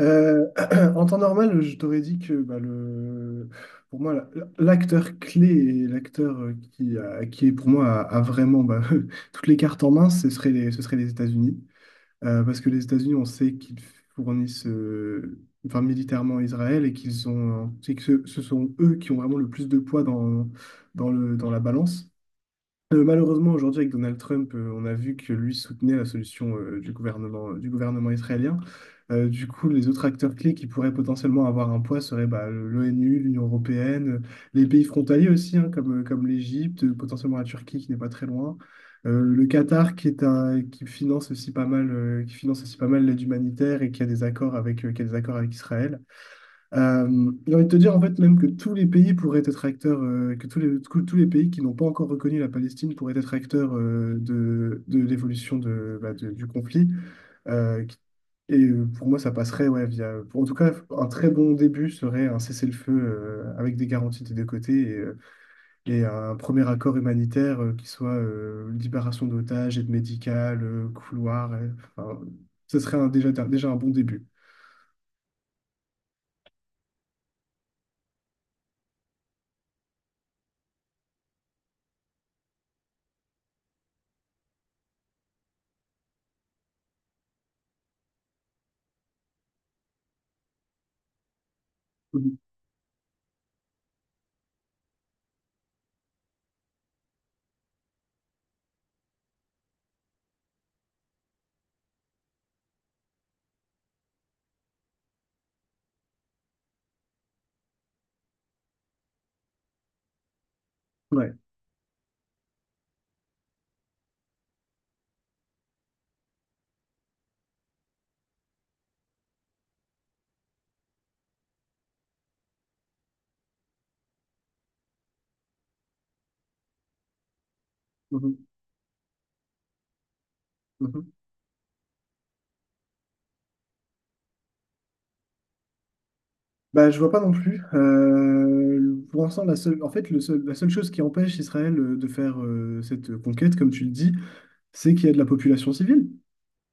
Euh, En temps normal, je t'aurais dit que bah, pour moi, l'acteur clé et l'acteur qui est pour moi a vraiment bah, toutes les cartes en main, ce serait les États-Unis. Parce que les États-Unis, on sait qu'ils fournissent enfin, militairement Israël et qu'ils ont, c'est que ce sont eux qui ont vraiment le plus de poids dans la balance. Malheureusement, aujourd'hui, avec Donald Trump, on a vu que lui soutenait la solution du gouvernement israélien. Du coup, les autres acteurs clés qui pourraient potentiellement avoir un poids seraient bah, l'ONU, l'Union européenne, les pays frontaliers aussi, hein, comme l'Égypte, potentiellement la Turquie qui n'est pas très loin. Le Qatar qui finance aussi pas mal, l'aide humanitaire et qui a des accords avec Israël. J'ai envie de te dire en fait même que tous les pays pourraient être acteurs, que tous les pays qui n'ont pas encore reconnu la Palestine pourraient être acteurs de l'évolution du conflit. Euh, qui- pour moi, ça passerait ouais, en tout cas, un très bon début serait un cessez-le-feu avec des garanties des deux côtés et un premier accord humanitaire qui soit libération d'otages, aide médicale, couloir. Enfin, ce serait déjà un bon début. Mhm. Ouais. Mhm. Mhm. Bah, je vois pas non plus. Pour l'instant, la seule, en fait, le seul- la seule chose qui empêche Israël de faire cette conquête, comme tu le dis, c'est qu'il y a de la population civile.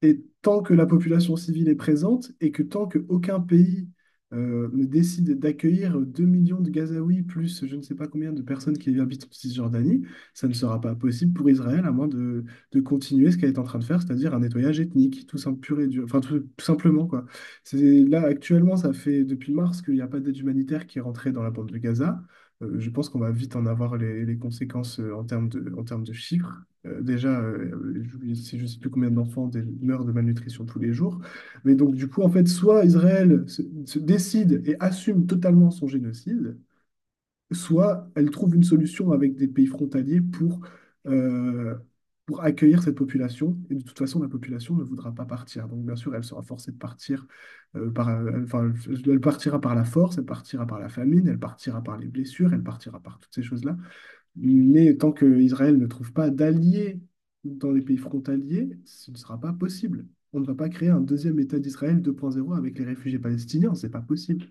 Et tant que la population civile est présente et que tant qu'aucun pays ne décide d'accueillir 2 millions de Gazaouis plus je ne sais pas combien de personnes qui habitent en Cisjordanie, ça ne sera pas possible pour Israël à moins de continuer ce qu'elle est en train de faire, c'est-à-dire un nettoyage ethnique, tout simple, pur et dur, enfin tout simplement quoi. Là actuellement, ça fait depuis mars qu'il n'y a pas d'aide humanitaire qui est rentrée dans la bande de Gaza. Je pense qu'on va vite en avoir les conséquences en termes de chiffres. Déjà, je sais plus combien d'enfants meurent de malnutrition tous les jours. Mais donc, du coup, en fait, soit Israël se décide et assume totalement son génocide, soit elle trouve une solution avec des pays frontaliers euh, pour accueillir cette population. Et de toute façon, la population ne voudra pas partir. Donc, bien sûr, elle sera forcée de partir enfin, elle partira par la force, elle partira par la famine, elle partira par les blessures, elle partira par toutes ces choses-là. Mais tant qu'Israël ne trouve pas d'alliés dans les pays frontaliers, ce ne sera pas possible. On ne va pas créer un deuxième État d'Israël 2.0 avec les réfugiés palestiniens, c'est pas possible.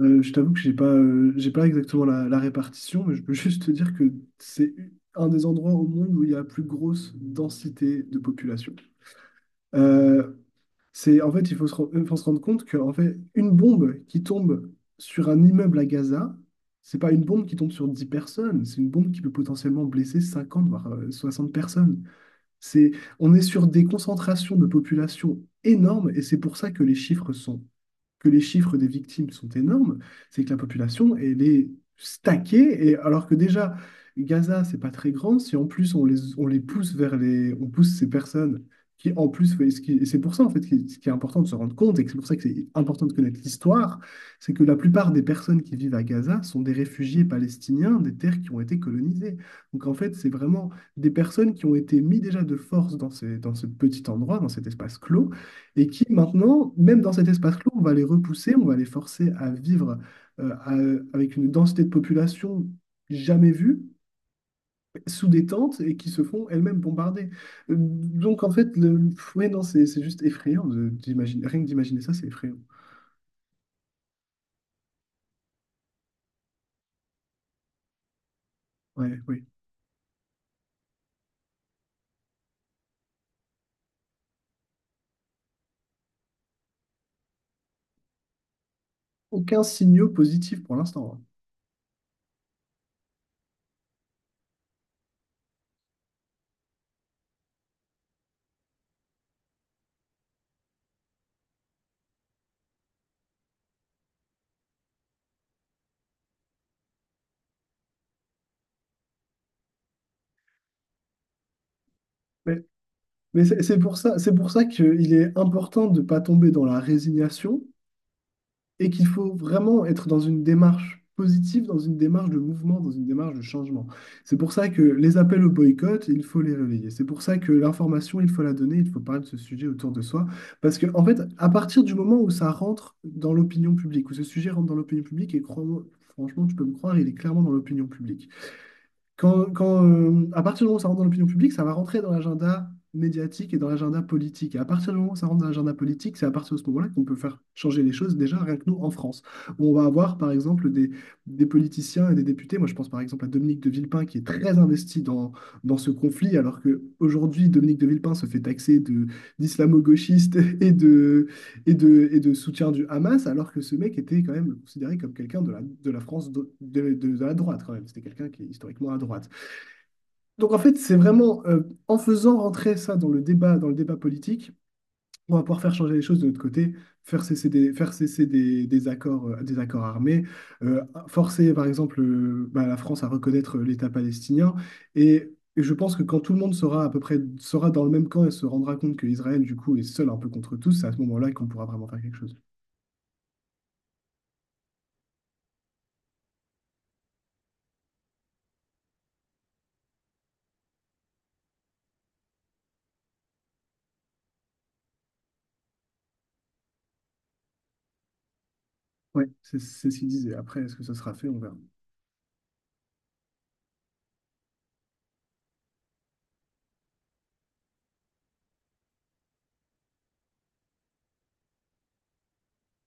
Je t'avoue que j'ai pas exactement la répartition, mais je peux juste te dire que c'est un des endroits au monde où il y a la plus grosse densité de population. Euh, en fait, il faut il faut se rendre compte que, en fait, une bombe qui tombe sur un immeuble à Gaza, c'est pas une bombe qui tombe sur 10 personnes, c'est une bombe qui peut potentiellement blesser 50 voire 60 personnes. C'est, on est sur des concentrations de population énormes et c'est pour ça que les chiffres sont que les chiffres des victimes sont énormes, c'est que la population, elle est stackée, et alors que déjà, Gaza, c'est pas très grand, si en plus on les pousse vers les. On pousse ces personnes qui, en plus, ce qui- et c'est pour ça, en fait, qui- ce qui est important de se rendre compte, et que c'est pour ça que c'est important de connaître l'histoire, c'est que la plupart des personnes qui vivent à Gaza sont des réfugiés palestiniens des terres qui ont été colonisées. Donc, en fait, c'est vraiment des personnes qui ont été mises déjà de force dans ce petit endroit, dans cet espace clos, et qui maintenant, même dans cet espace clos, on va les repousser, on va les forcer à vivre avec une densité de population jamais vue, sous des tentes, et qui se font elles-mêmes bombarder. Donc en fait, le... ouais, non, c'est juste effrayant d'imaginer, rien que d'imaginer ça, c'est effrayant. Ouais, oui. Aucun signaux positif pour l'instant, hein. Mais, mais c'est pour ça qu'il est important de ne pas tomber dans la résignation et qu'il faut vraiment être dans une démarche positive, dans une démarche de mouvement, dans une démarche de changement. C'est pour ça que les appels au boycott, il faut les relayer. C'est pour ça que l'information, il faut la donner, il faut parler de ce sujet autour de soi. Parce que, en fait, à partir du moment où ça rentre dans l'opinion publique, où ce sujet rentre dans l'opinion publique, et crois-moi, franchement, tu peux me croire, il est clairement dans l'opinion publique à partir du moment où ça rentre dans l'opinion publique, ça va rentrer dans l'agenda médiatique et dans l'agenda politique. Et à partir du moment où ça rentre dans l'agenda politique, c'est à partir de ce moment-là qu'on peut faire changer les choses, déjà rien que nous en France, où on va avoir par exemple des politiciens et des députés. Moi, je pense par exemple à Dominique de Villepin qui est très investi dans ce conflit, alors qu'aujourd'hui, Dominique de Villepin se fait taxer d'islamo-gauchiste et de soutien du Hamas, alors que ce mec était quand même considéré comme quelqu'un de la France, la droite quand même. C'était quelqu'un qui est historiquement à droite. Donc en fait, c'est vraiment en faisant rentrer ça dans le débat politique, on va pouvoir faire changer les choses de notre côté, faire cesser des accords armés, euh, forcer par exemple bah, la France à reconnaître l'État palestinien. Et et je pense que quand tout le monde sera à peu près sera dans le même camp et se rendra compte que Israël, du coup, est seul un peu contre tous, c'est à ce moment-là qu'on pourra vraiment faire quelque chose. Oui, c'est ce qu'il disait. Après, est-ce que ça sera fait? On verra.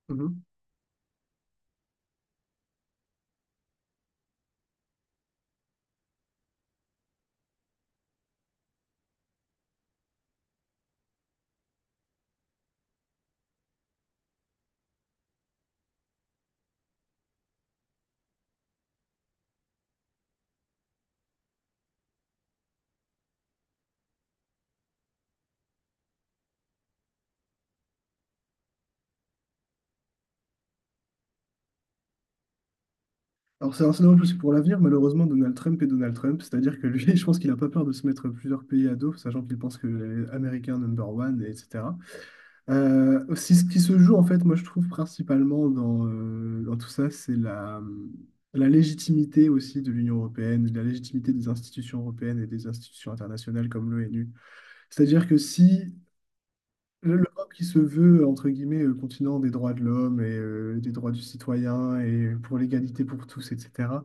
Mhm. Alors, c'est un scénario plus pour l'avenir, malheureusement, Donald Trump est Donald Trump. C'est-à-dire que lui, je pense qu'il n'a pas peur de se mettre plusieurs pays à dos, sachant qu'il pense que les Américains number one, et etc. Aussi, ce qui se joue, en fait, moi, je trouve principalement dans tout ça, c'est la légitimité aussi de l'Union européenne, la légitimité des institutions européennes et des institutions internationales comme l'ONU. C'est-à-dire que si l'Europe qui se veut, entre guillemets, continent des droits de l'homme et des droits du citoyen et pour l'égalité pour tous, etc.,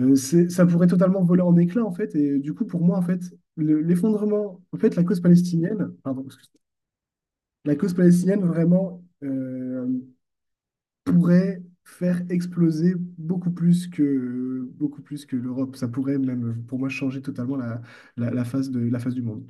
ça pourrait totalement voler en éclats, en fait. Et du coup, pour moi, en fait, la cause palestinienne, pardon, excuse-moi, la cause palestinienne vraiment pourrait faire exploser beaucoup plus que l'Europe. Ça pourrait même, pour moi, changer totalement la face la face du monde.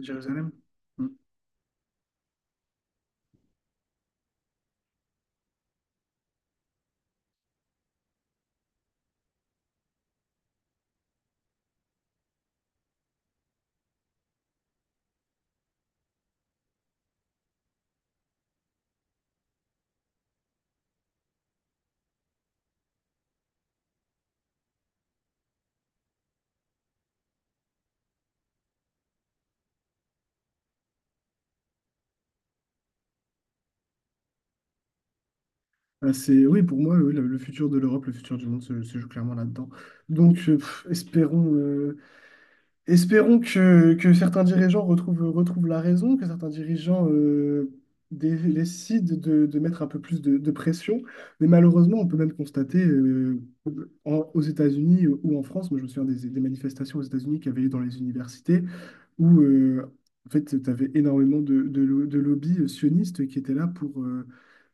Jérusalem? Ah, oui, pour moi, oui, le futur de l'Europe, le futur du monde se joue clairement là-dedans. Donc, pff, espérons que certains dirigeants retrouvent la raison, que certains dirigeants décident de mettre un peu plus de pression. Mais malheureusement, on peut même constater aux États-Unis ou en France, moi je me souviens des manifestations aux États-Unis qui avaient lieu dans les universités, où en fait, tu avais énormément de lobbies sionistes qui étaient là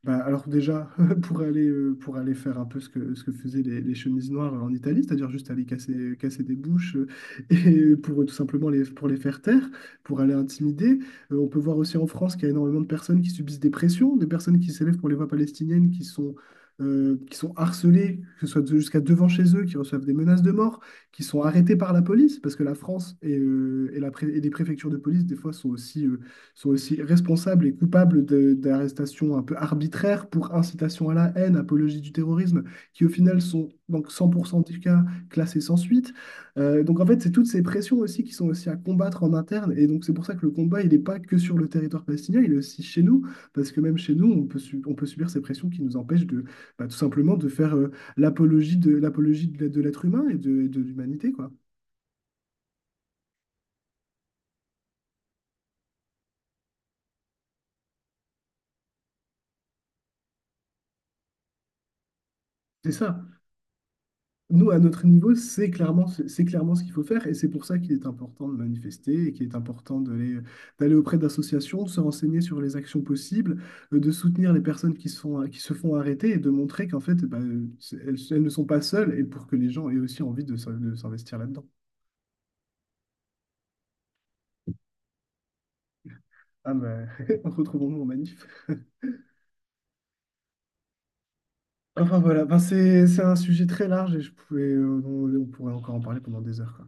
bah, alors déjà, pour aller faire un peu ce que faisaient les chemises noires en Italie, c'est-à-dire juste aller casser des bouches et pour les faire taire, pour aller intimider. On peut voir aussi en France qu'il y a énormément de personnes qui subissent des pressions, des personnes qui s'élèvent pour les voix palestiniennes, qui sont harcelées, que ce soit jusqu'à devant chez eux, qui reçoivent des menaces de mort, qui sont arrêtés par la police, parce que la France et les préfectures de police, des fois, sont aussi responsables et coupables d'arrestations un peu arbitraires pour incitation à la haine, apologie du terrorisme, qui au final sont donc 100% des cas classés sans suite. Donc en fait, c'est toutes ces pressions aussi qui sont aussi à combattre en interne. Et donc c'est pour ça que le combat, il n'est pas que sur le territoire palestinien, il est aussi chez nous, parce que même chez nous, on peut subir ces pressions qui nous empêchent de, bah, tout simplement de faire, l'apologie de l'être humain et de l'humanité, quoi. C'est ça. Nous, à notre niveau, c'est clairement ce qu'il faut faire et c'est pour ça qu'il est important de manifester et qu'il est important d'aller auprès d'associations, de se renseigner sur les actions possibles, de soutenir les personnes qui se font arrêter et de montrer qu'en fait, bah, elles, elles ne sont pas seules et pour que les gens aient aussi envie de s'investir là-dedans. Ah bah, retrouvons-nous en manif. Enfin voilà. Enfin, c'est un sujet très large et on pourrait encore en parler pendant des heures, quoi.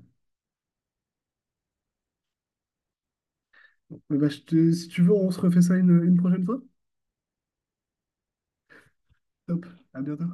Bon, bah, si tu veux, on se refait ça une prochaine fois. Top, à bientôt.